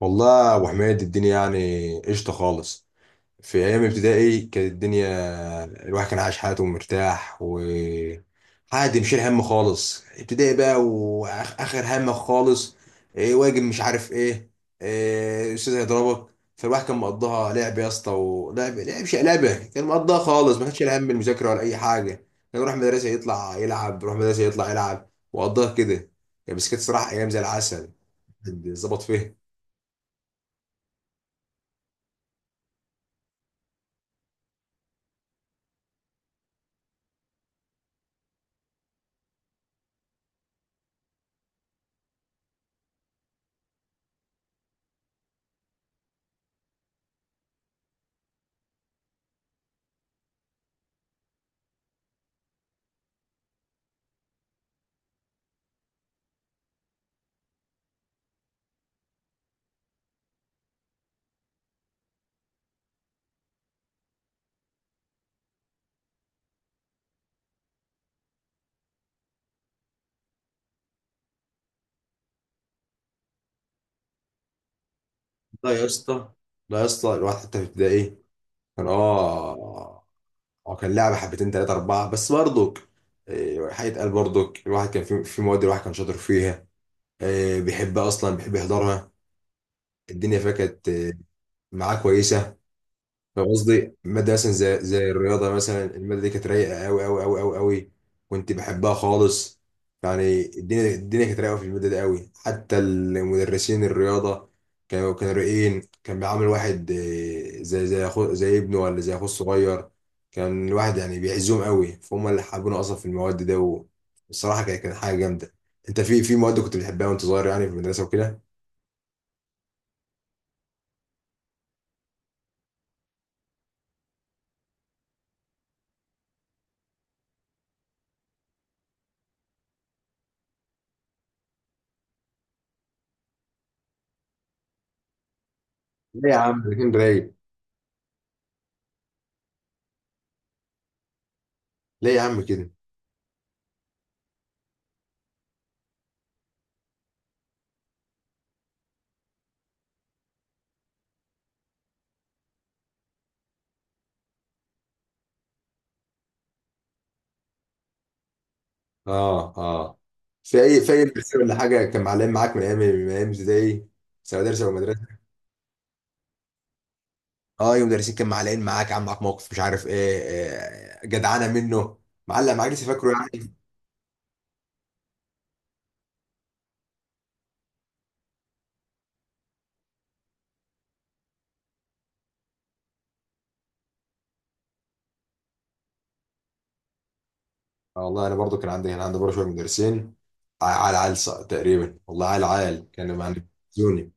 والله يا ابو حميد، الدنيا يعني قشطه خالص. في ايام ابتدائي كانت الدنيا، الواحد كان عايش حياته مرتاح و عادي، مشيل هم خالص. ابتدائي بقى واخر هم خالص. إيه واجب، مش عارف ايه. إيه الاستاذ هيضربك. فالواحد كان مقضاها لعب يا اسطى، ولعب شيء لعبه، كان مقضاها خالص، ما كانش شايل هم المذاكره ولا اي حاجه. كان يروح مدرسه يطلع يلعب، يروح مدرسه يطلع يلعب، وقضاها كده. يعني بس كانت صراحه ايام زي العسل. الواحد ظبط فيها. لا يا اسطى، لا يا اسطى، الواحد حتى في ابتدائي كان اه كان لعبه حبتين ثلاثه اربعه بس برضك. إيه، حاجه قال برضك الواحد كان في مواد الواحد كان شاطر فيها. إيه، بيحبها اصلا، بيحب يحضرها. الدنيا فيها كانت معاه كويسه. فاهم قصدي؟ مادة مثلا زي الرياضة مثلا، المادة دي كانت رايقة أوي أوي أوي أوي أوي، كنت بحبها خالص. يعني الدنيا كانت رايقة في المادة دي أوي. حتى المدرسين الرياضة كانوا رايقين، كان بيعامل واحد، زي زي أخو، زي ابنه، ولا زي أخوه الصغير. كان الواحد يعني بيعزهم أوي، فهم اللي حابين أصلا في المواد ده. والصراحة كانت حاجة جامدة. أنت في مواد كنت بتحبها وأنت صغير يعني في المدرسة وكده؟ ليه يا عم؟ الاتنين رايق؟ ليه يا عم كده؟ اه اه. في اي مدرسين ولا حاجه كان معلقين معاك من ايام ابتدائي، سواء مدرسه او مدرسه؟ اه، اي مدرسين كان معلقين معاك، عم معاك موقف مش عارف ايه، آه، جدعانه منه، معلق معاك لسه فاكره يعني؟ آه، والله انا برضو كان عندي برضه شويه مدرسين عال عال، تقريبا والله، عال عال كانوا يعني بيزوني.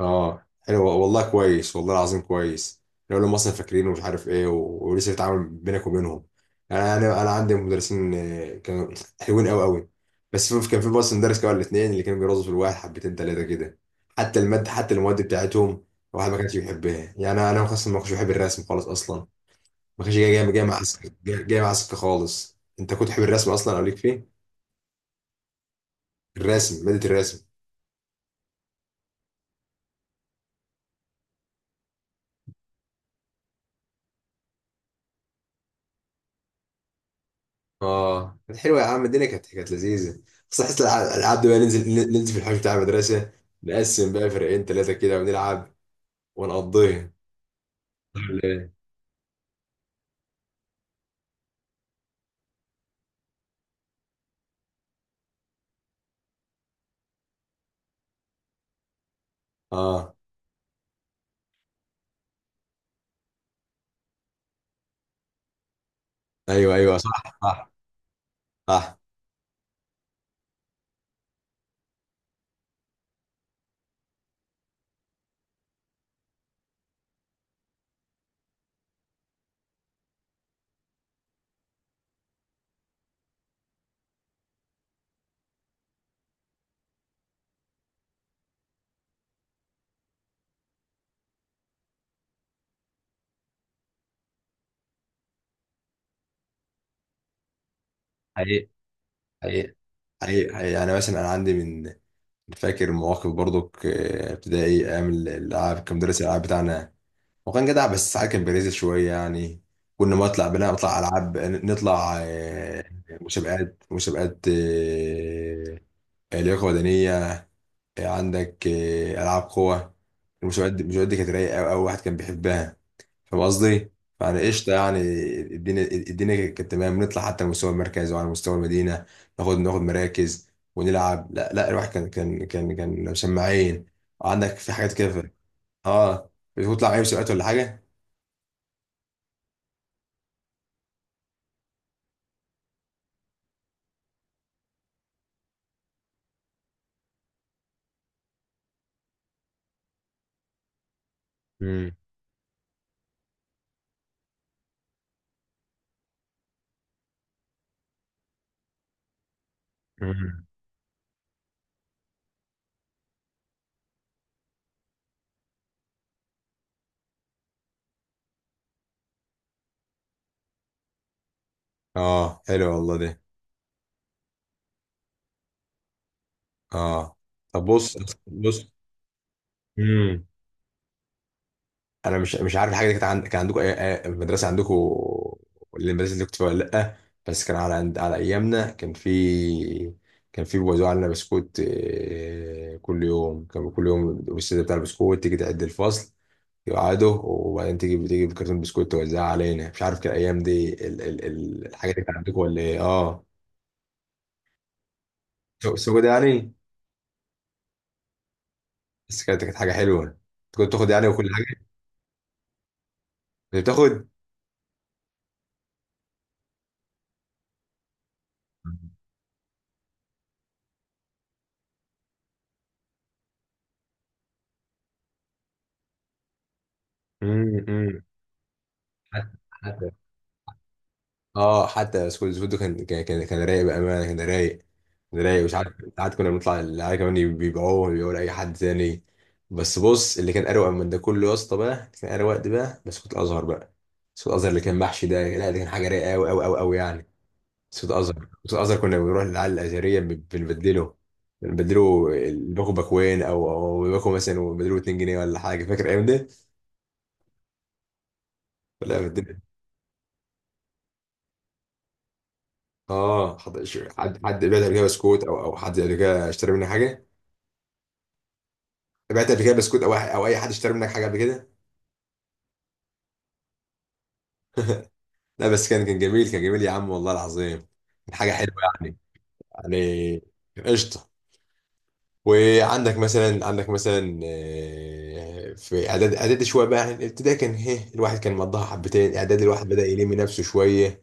اه، حلو والله، كويس والله العظيم، كويس. لو لهم مثلا فاكرين ومش عارف ايه ولسه في تعامل بينك وبينهم. يعني انا عندي مدرسين، كانوا حلوين قوي قوي. بس في كان في بس مدرس كده ولا اتنين اللي كانوا بيرازوا في الواحد حبتين تلاته كده. حتى الماده حتى المواد بتاعتهم الواحد ما كانش بيحبها. يعني انا خاصه ما كنتش بحب الرسم خالص اصلا، ما كانش جاي جاي جاي مع سكه، جاي جاي مع سكه خالص. انت كنت تحب الرسم اصلا او ليك فيه؟ الرسم. اه، كانت حلوه يا عم، الدنيا كانت لذيذه. بس حس الالعاب دي بقى، ننزل في الحوش بتاع المدرسه، نقسم بقى فرقين ثلاثه كده ونلعب ونقضيها. صح ولا إيه؟ اه، ايوه ايوه، صح صح صح. حقيقي حقيقي، حقيقي حقيقي. يعني مثلا انا عندي، من فاكر مواقف برضو، ابتدائي ايام الالعاب كان مدرس الالعاب بتاعنا، هو كان جدع بس ساعات كان بيريز شويه يعني. كنا ما نطلع بنا نطلع العاب، نطلع مسابقات مسابقات، لياقه بدنيه، عندك العاب قوه. المسابقات دي كانت رايقه قوي قوي، واحد كان بيحبها. فاهم قصدي؟ فانا قشطه يعني. الدنيا كانت تمام، نطلع حتى على مستوى المركز وعلى مستوى المدينه، ناخد مراكز ونلعب. لا لا، الواحد كان مسمعين عندك في حاجات كده، اه. بتطلع اي مسابقات ولا حاجه؟ امم. اه، حلو والله ده، اه. طب بص بص. مم. انا مش عارف الحاجه دي كانت عندكم المدرسه عندكم، المدرسه اللي كنت فيها، ولا لا؟ بس كان على ايامنا كان في، بيوزعوا علينا بسكوت، كل يوم، الاستاذ بتاع البسكوت تيجي تعد الفصل، يقعدوا وبعدين تيجي بكرتون بسكوت توزعها علينا. مش عارف كان الايام دي، الحاجه دي كانت عندكم ولا ايه؟ اه. سوق ده يعني. بس كانت حاجه حلوه، كنت تاخد يعني وكل حاجه، كنت بتاخد. مم، مم. اه، حتى سكول كان رايق بامانه، كان رايق، كان رايق. مش عارف، ساعات كنا بنطلع العيال كمان بيبيعوه لاي حد تاني. بس بص، اللي كان اروق من ده كله يا اسطى بقى، اللي كان اروق ده بقى بسكوت الازهر بقى. بسكوت الازهر اللي كان محشي ده، لا ده كان حاجه رايقه قوي قوي قوي قوي يعني. بسكوت الازهر كنا بنروح للعيال الازهريه، بنبدله، بنبدله، الباكو باكوين، او باكو مثلا، وبدلوه 2 جنيه ولا حاجه. فاكر الايام دي؟ ولا بدل- اه. حد بعت قبل كده بسكوت، او حد قبل كده اشترى منه حاجه؟ بعت قبل كده بسكوت، او اي حد اشترى منك حاجه قبل كده؟ لا، بس كان جميل، كان جميل يا عم والله العظيم، كان حاجه حلوه يعني. يعني قشطه. وعندك مثلا، عندك مثلا في اعدادي شويه بقى، يعني الابتدائي كان هي الواحد كان مضاها حبتين، اعدادي الواحد بدا يلم نفسه شويه،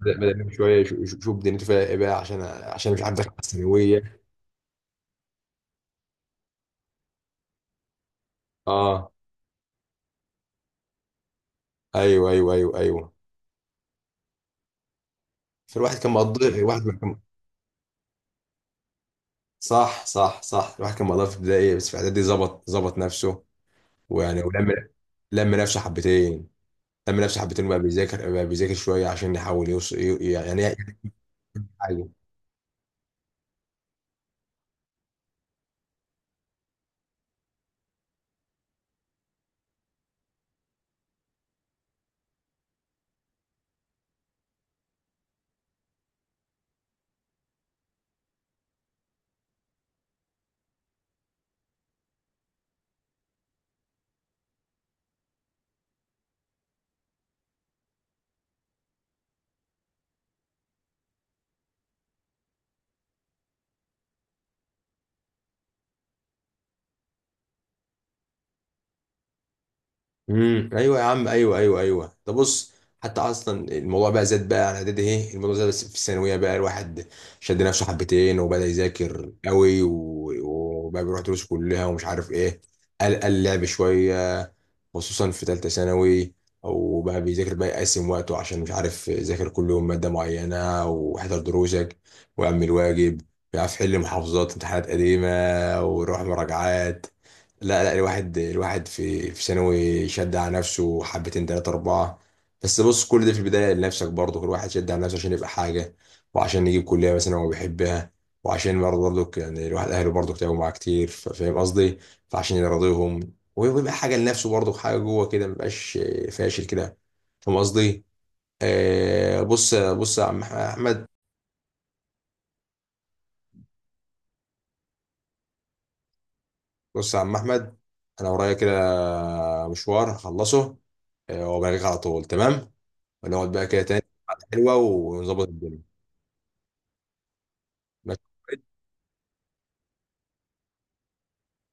بدا يلم شويه، يشوف دنيته فيها ايه بقى، عشان مش عارف، داخل على الثانويه. اه، ايوه ايوه ايوه ايوه. فالواحد كان مقضي الواحد كان، صح صح صح، الواحد كان مقضيها في البدايه، بس في اعدادي ظبط نفسه، ويعني، ولم لم نفسه حبتين، لم نفسه حبتين، وبقى بيذاكر شويه، عشان يحاول يوصل يعني، حاجه. امم، ايوه يا عم، ايوه ايوه ايوه ده، بص. حتى اصلا الموضوع بقى زاد بقى على اعدادي، ايه، الموضوع زاد، بس في الثانويه بقى الواحد شد نفسه حبتين، وبدا يذاكر قوي وبقى بيروح دروس كلها ومش عارف ايه. قال لعب شويه، خصوصا في تالتة ثانوي، او بقى بيذاكر بقى، يقسم وقته، عشان مش عارف، يذاكر كل يوم مادة معينة، واحضر دروسك، واعمل واجب، بيعرف يحل محافظات امتحانات قديمة، ويروح مراجعات. لا لا، الواحد في ثانوي شد على نفسه حبتين تلاتة أربعة. بس بص، كل ده في البداية لنفسك برضه، كل واحد شد على نفسه عشان يبقى حاجة، وعشان يجيب كلية مثلا هو بيحبها، وعشان برضه، يعني الواحد أهله برضه تعبوا معاه كتير. فاهم قصدي؟ فعشان يرضيهم، ويبقى حاجه لنفسه برضه، حاجه جوه كده، مبقاش فاشل كده. فاهم قصدي؟ آه، بص بص يا عم احمد، بص يا عم احمد، انا ورايا كده مشوار هخلصه، آه، وبلغيك على طول، تمام؟ ونقعد بقى كده تاني قعدة حلوه، ونظبط الدنيا. ماشي.